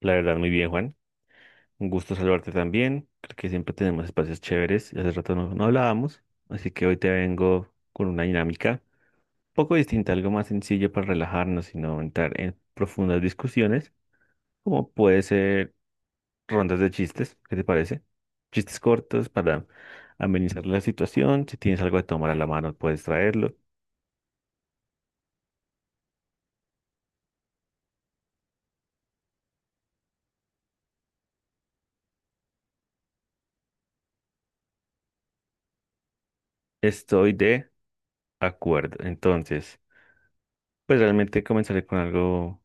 La verdad, muy bien, Juan. Un gusto saludarte también. Creo que siempre tenemos espacios chéveres y hace rato no hablábamos, así que hoy te vengo con una dinámica un poco distinta, algo más sencillo para relajarnos y no entrar en profundas discusiones, como puede ser rondas de chistes, ¿qué te parece? Chistes cortos para amenizar la situación. Si tienes algo de tomar a la mano, puedes traerlo. Estoy de acuerdo. Entonces, pues realmente comenzaré con algo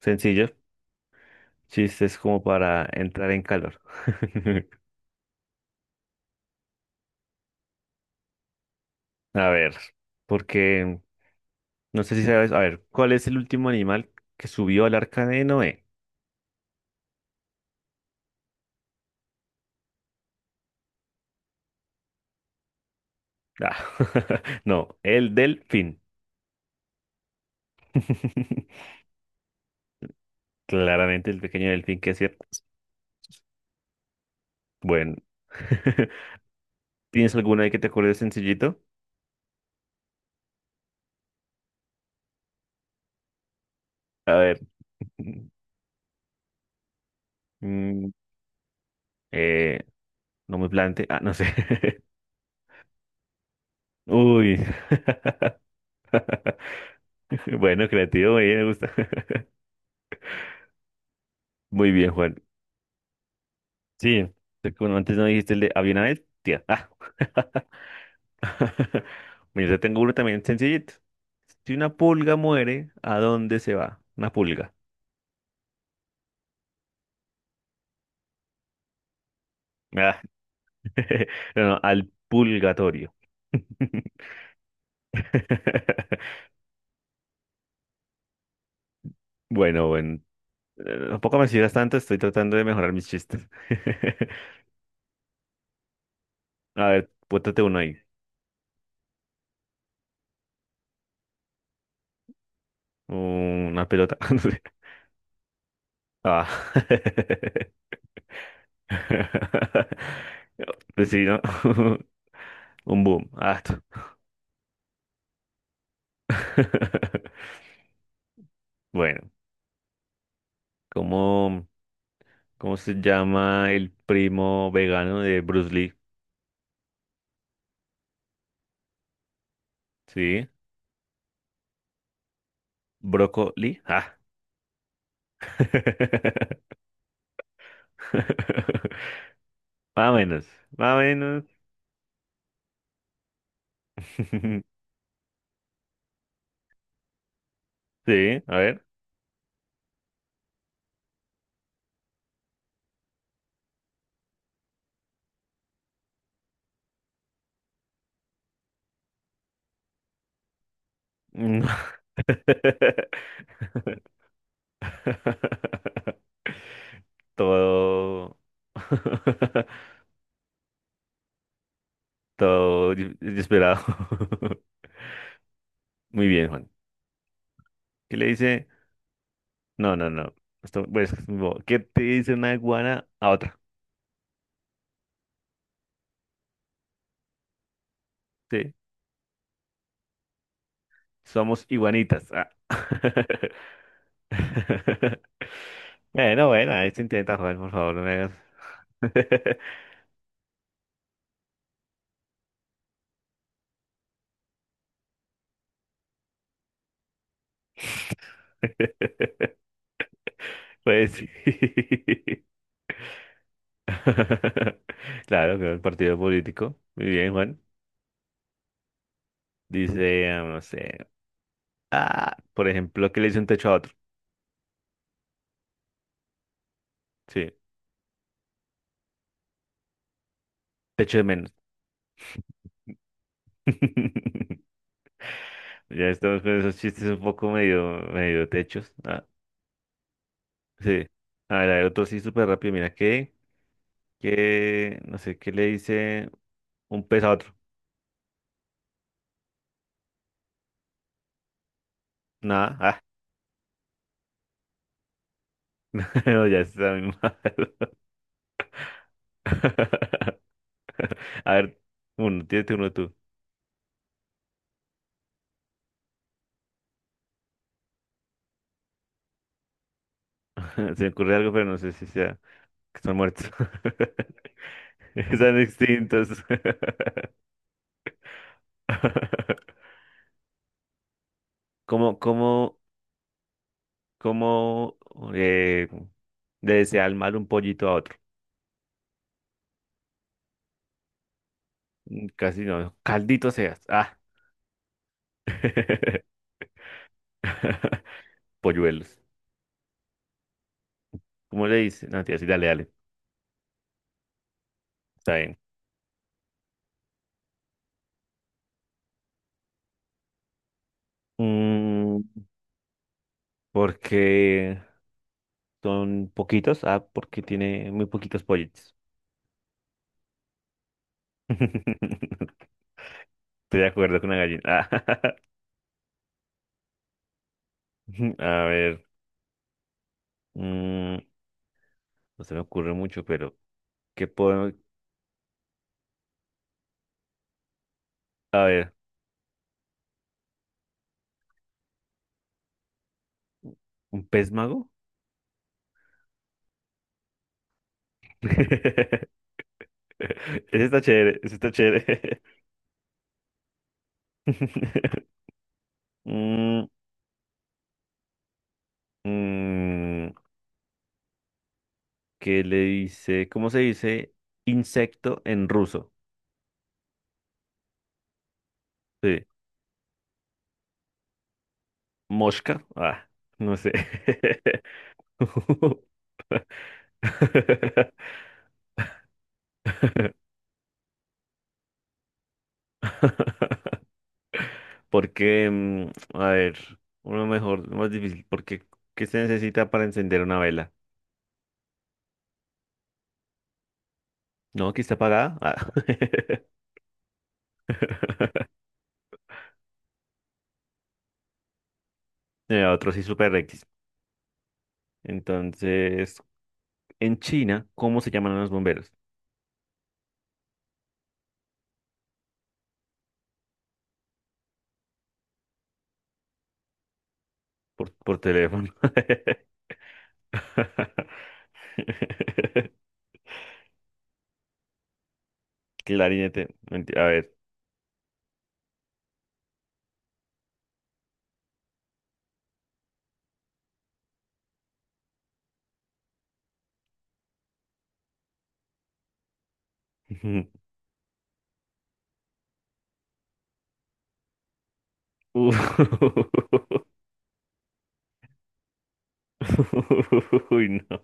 sencillo, chistes como para entrar en calor. A ver, porque no sé si sabes, a ver, ¿cuál es el último animal que subió al arca de Noé? Ah, no, el delfín. Claramente el pequeño delfín que es cierto. Bueno, ¿tienes alguna ahí que te acuerdes sencillito? A ver, mm, eh, no me plante, ah, no sé. Uy, bueno, creativo, muy bien, me gusta. Muy bien, Juan. Sí, te- como antes no dijiste el de había una vez, tía. Ah. Mira, yo tengo uno también sencillito. Si una pulga muere, ¿a dónde se va? Una pulga. Ah, no, no, al pulgatorio. Bueno, bueno. Tampoco me sigas tanto, estoy tratando de mejorar mis chistes. A ver, pótate uno ahí. Una pelota. No sé. Ah. Pues sí, ¿no? Un boom. Ah. Bueno, ¿cómo, cómo se llama el primo vegano de Bruce Lee? ¿Sí? ¿Brócoli? Ah. Más o menos, más o menos. Sí, a ver. No. Todo. Todo desesperado. Muy bien, Juan. ¿Qué le dice? No, no, no. Esto, pues, no. ¿Qué te dice una iguana a otra? Sí, somos iguanitas. Ah. Bueno, bueno, ahí se intenta jugar, por favor, no me hagas. Pues sí. Claro, que el partido político. Muy bien, Juan. Dice, ah, no sé. Ah, por ejemplo, que le dice un techo a otro. Sí, techo de menos. Ya estamos con esos chistes un poco medio, medio techos. Ah, sí. A ver, otro sí súper rápido. Mira, que, no sé, ¿qué le dice un pez a otro? Nada. No, ya está muy mal. A ver, uno, tírate uno tú. Se me ocurre algo, pero no sé si sea que están muertos. Están extintos. ¿Cómo, cómo, cómo eh, le desea el mal un pollito a otro? Mm, casi no. Caldito seas. Ah. Polluelos. ¿Cómo le dice? No, tía, sí, dale, dale. Está bien. Mm, porque son poquitos, ah, porque tiene muy poquitos pollitos. Estoy de acuerdo con la gallina. A ver, mm, no se me ocurre mucho, pero ¿qué podemos? A ver, ¿un pez mago? Ese está chévere, ese está chévere. Mm, mm, ¿qué le dice? ¿Cómo se dice insecto en ruso? Sí, mosca. Ah, no sé. Porque, a ver, uno mejor, uno más difícil, porque ¿qué se necesita para encender una vela? No, aquí está apagada. Ah. Otro sí, super X. Entonces, en China, ¿cómo se llaman a los bomberos? Por teléfono. Clarinete. Menti- A ver. Uf. Uy, no.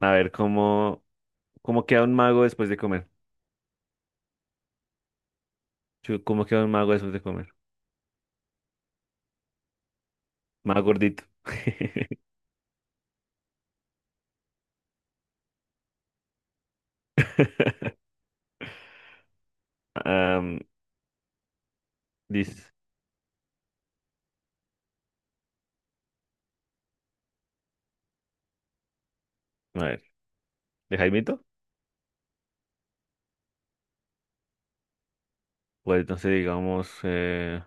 A ver, ¿cómo, cómo queda un mago después de comer? Chu, ¿cómo queda un mago después de comer? Más gordito. Am, dice, a ver, de Jaimito, pues entonces digamos,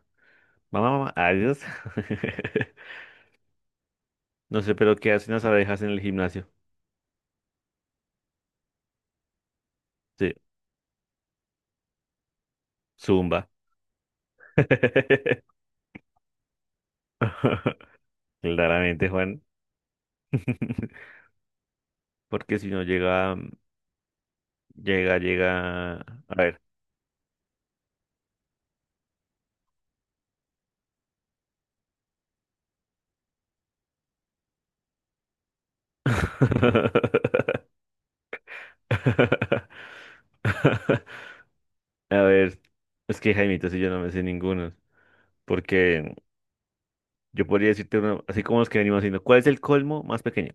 mamá, mamá, adiós. No sé, pero ¿qué hacen las abejas en el gimnasio? Sí, zumba. Claramente, Juan, porque si no llega, llega, llega, a ver. A ver, es que Jaimito, si yo no me sé ninguno, porque yo podría decirte uno, así como los que venimos haciendo, ¿cuál es el colmo más pequeño?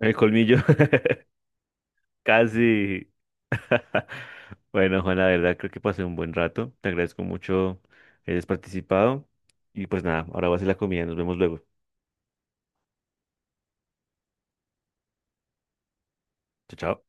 El colmillo, casi. Bueno, Juan, la verdad creo que pasé un buen rato. Te agradezco mucho que hayas participado. Y pues nada, ahora voy a hacer la comida. Nos vemos luego. Chao, chao.